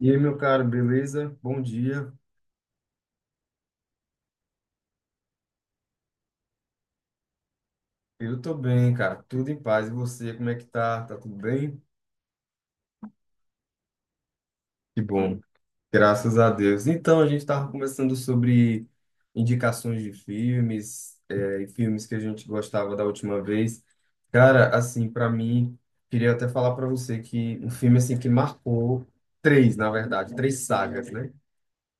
E aí, meu caro, beleza? Bom dia. Eu tô bem, cara. Tudo em paz. E você, como é que tá? Tá tudo bem? Que bom. Graças a Deus. Então, a gente tava conversando sobre indicações de filmes, e filmes que a gente gostava da última vez. Cara, assim, pra mim, queria até falar pra você que um filme assim que marcou três, na verdade, três sagas, né?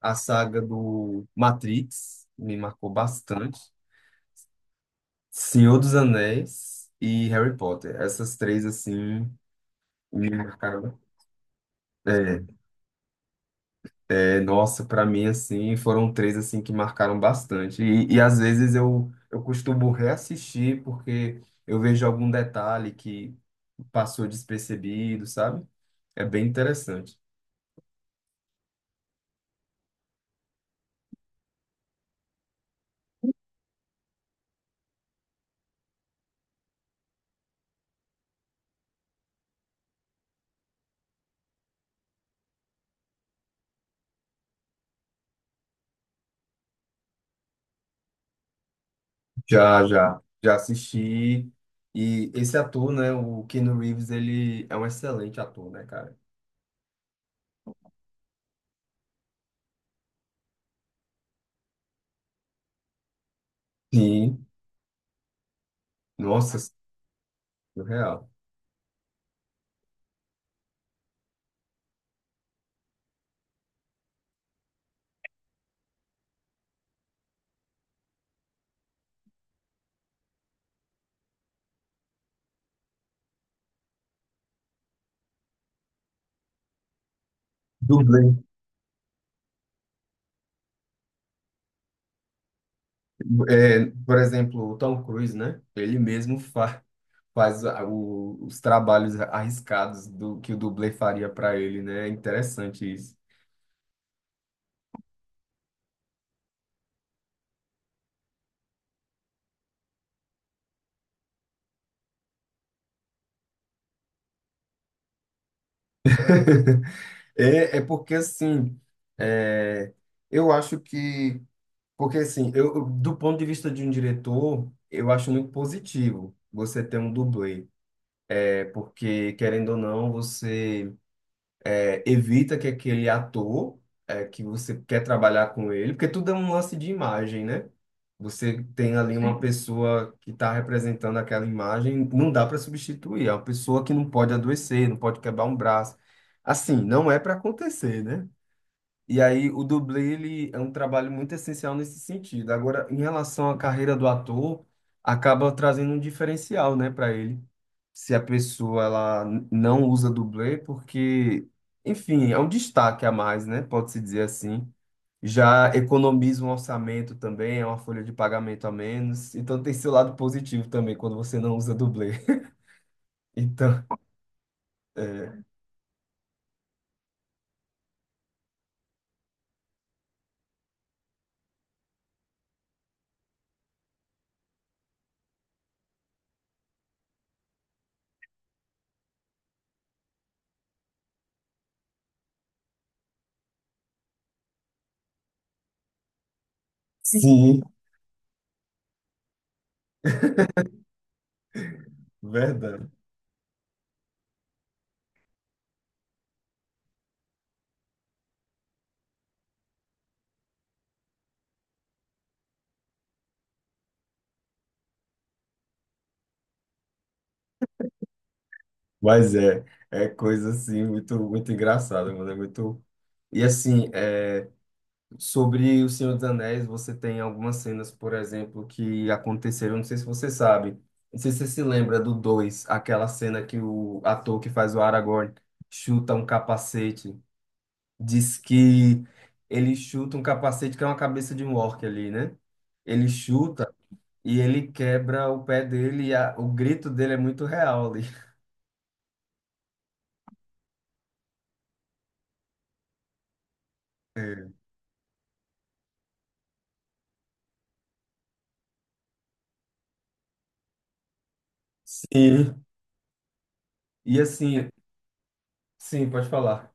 A saga do Matrix me marcou bastante. Senhor dos Anéis e Harry Potter. Essas três, assim, me marcaram. É, nossa, para mim, assim, foram três, assim, que marcaram bastante. E, e às vezes eu costumo reassistir porque eu vejo algum detalhe que passou despercebido, sabe? É bem interessante. Já, assisti. E esse ator, né, o Keanu Reeves, ele é um excelente ator, né, cara? Sim. Nossa, surreal. Dublê. É, por exemplo, o Tom Cruise, né? Ele mesmo fa faz os trabalhos arriscados do que o dublê faria para ele, né? É interessante isso. É, é porque assim, é, eu acho que, porque assim, do ponto de vista de um diretor, eu acho muito positivo você ter um dublê, é porque querendo ou não, você evita que aquele ator que você quer trabalhar com ele, porque tudo é um lance de imagem, né? Você tem ali uma Sim. pessoa que está representando aquela imagem, não dá para substituir. É uma pessoa que não pode adoecer, não pode quebrar um braço. Assim, não é para acontecer, né? E aí o dublê, ele é um trabalho muito essencial nesse sentido. Agora, em relação à carreira do ator, acaba trazendo um diferencial, né, para ele se a pessoa ela não usa dublê, porque, enfim, é um destaque a mais, né? Pode-se dizer assim. Já economiza um orçamento também, é uma folha de pagamento a menos. Então tem seu lado positivo também quando você não usa dublê. Então, é, sim, verdade. Mas é coisa assim muito engraçada, mano, é muito. E assim, é, sobre O Senhor dos Anéis, você tem algumas cenas, por exemplo, que aconteceram, não sei se você sabe, não sei se você se lembra do dois, aquela cena que o ator que faz o Aragorn chuta um capacete, diz que ele chuta um capacete que é uma cabeça de um orc ali, né? Ele chuta e ele quebra o pé dele e o grito dele é muito real ali. Sim. E assim, sim, pode falar.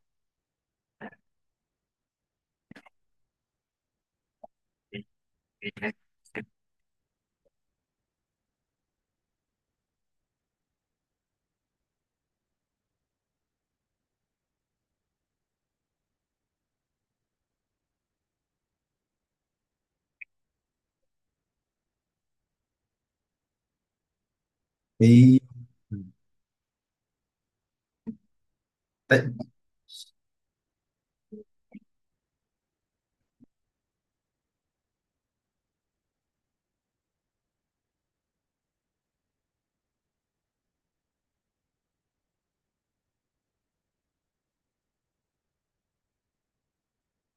E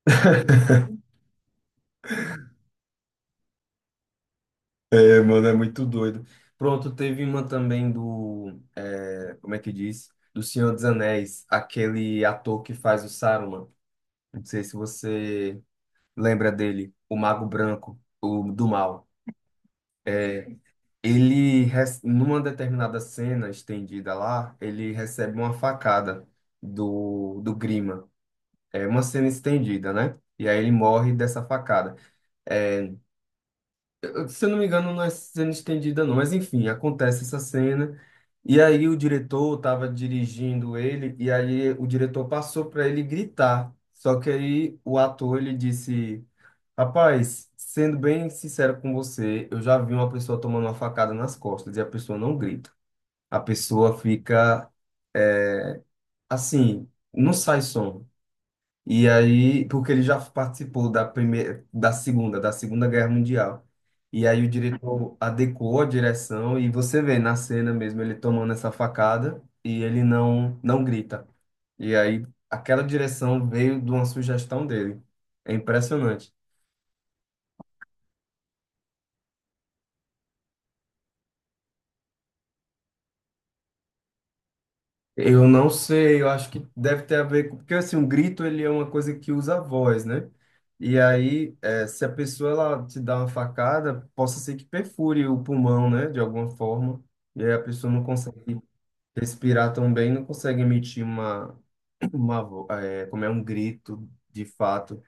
é, mano, é muito doido. Pronto, teve uma também do, é, como é que diz? Do Senhor dos Anéis, aquele ator que faz o Saruman. Não sei se você lembra dele, o Mago Branco, o do mal. É, ele, numa determinada cena estendida lá, ele recebe uma facada do Grima. É uma cena estendida, né? E aí ele morre dessa facada. É, se eu não me engano, não é cena estendida, não. Mas enfim, acontece essa cena. E aí o diretor estava dirigindo ele, e aí o diretor passou para ele gritar. Só que aí o ator ele disse: Rapaz, sendo bem sincero com você, eu já vi uma pessoa tomando uma facada nas costas e a pessoa não grita. A pessoa fica eh, assim, não sai som. E aí, porque ele já participou da primeira, da Segunda Guerra Mundial. E aí o diretor adequou a direção e você vê na cena mesmo ele tomando essa facada e ele não grita. E aí aquela direção veio de uma sugestão dele. É impressionante. Eu não sei, eu acho que deve ter a ver com... Porque, assim, um grito, ele é uma coisa que usa a voz, né? E aí, se a pessoa, ela te dá uma facada, possa ser que perfure o pulmão, né? De alguma forma. E aí a pessoa não consegue respirar tão bem, não consegue emitir uma como é um grito, de fato.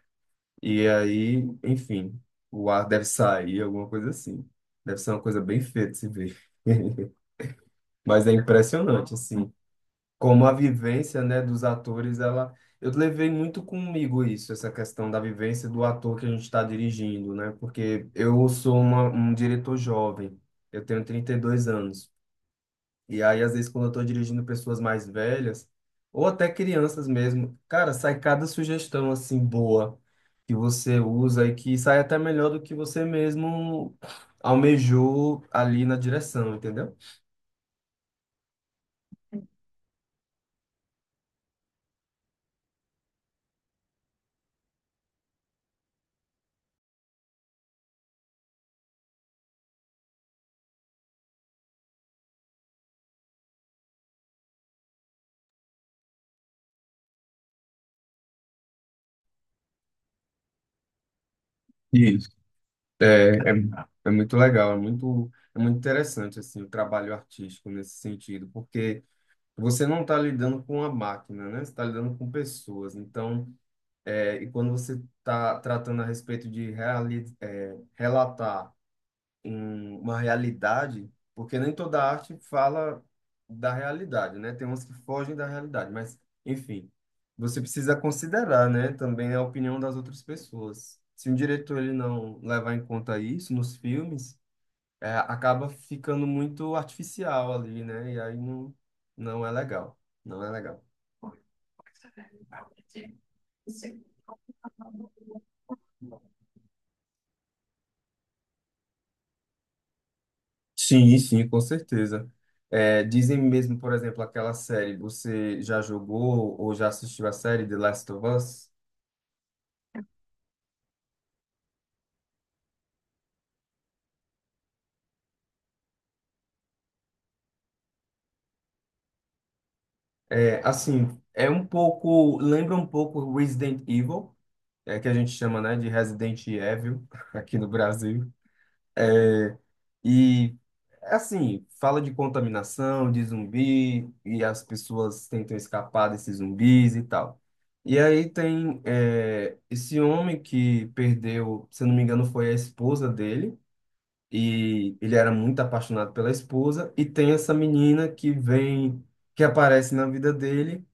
E aí, enfim, o ar deve sair, alguma coisa assim. Deve ser uma coisa bem feia de se ver. Mas é impressionante, assim como a vivência, né, dos atores, ela eu levei muito comigo isso, essa questão da vivência do ator que a gente está dirigindo, né? Porque eu sou um diretor jovem, eu tenho 32 anos. E aí, às vezes, quando eu estou dirigindo pessoas mais velhas, ou até crianças mesmo, cara, sai cada sugestão assim boa que você usa e que sai até melhor do que você mesmo almejou ali na direção, entendeu? É, é, é muito legal, é muito interessante assim, o trabalho artístico nesse sentido, porque você não está lidando com a máquina, né? Você está lidando com pessoas. Então, e quando você está tratando a respeito de relatar uma realidade, porque nem toda arte fala da realidade, né? Tem umas que fogem da realidade, mas, enfim, você precisa considerar, né, também a opinião das outras pessoas. Se um diretor ele não levar em conta isso nos filmes, acaba ficando muito artificial ali, né? E aí não, não é legal. Não é legal. Sim, sim, com certeza. É, dizem mesmo, por exemplo, aquela série, você já jogou ou já assistiu a série The Last of Us? É, assim, é um pouco, lembra um pouco Resident Evil, que a gente chama, né, de Resident Evil aqui no Brasil. E, assim, fala de contaminação, de zumbi, e as pessoas tentam escapar desses zumbis e tal. E aí tem, esse homem que perdeu, se eu não me engano, foi a esposa dele, e ele era muito apaixonado pela esposa, e tem essa menina que vem, que aparece na vida dele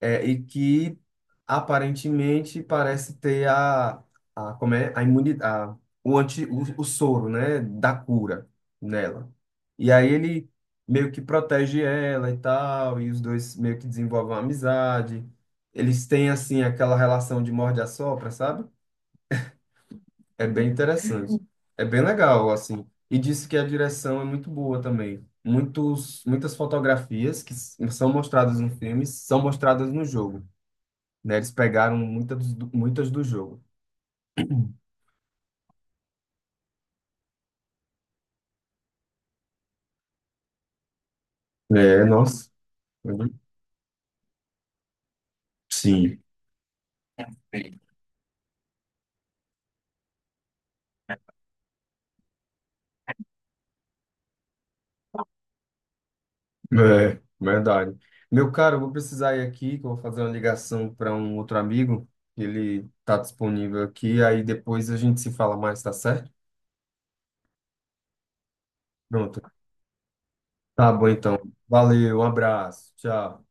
e que aparentemente parece ter como é, a imunidade, o soro, né, da cura nela. E aí ele meio que protege ela e tal, e os dois meio que desenvolvem uma amizade. Eles têm, assim, aquela relação de morde-a-sopra, sabe? É bem interessante. É bem legal, assim. E disse que a direção é muito boa também. Muitas fotografias que são mostradas no filme são mostradas no jogo, né? Eles pegaram muitas do jogo. É, nossa. Sim, é, verdade. Meu caro, eu vou precisar ir aqui, que eu vou fazer uma ligação para um outro amigo. Ele tá disponível aqui, aí depois a gente se fala mais, tá certo? Pronto. Tá bom então. Valeu, um abraço. Tchau.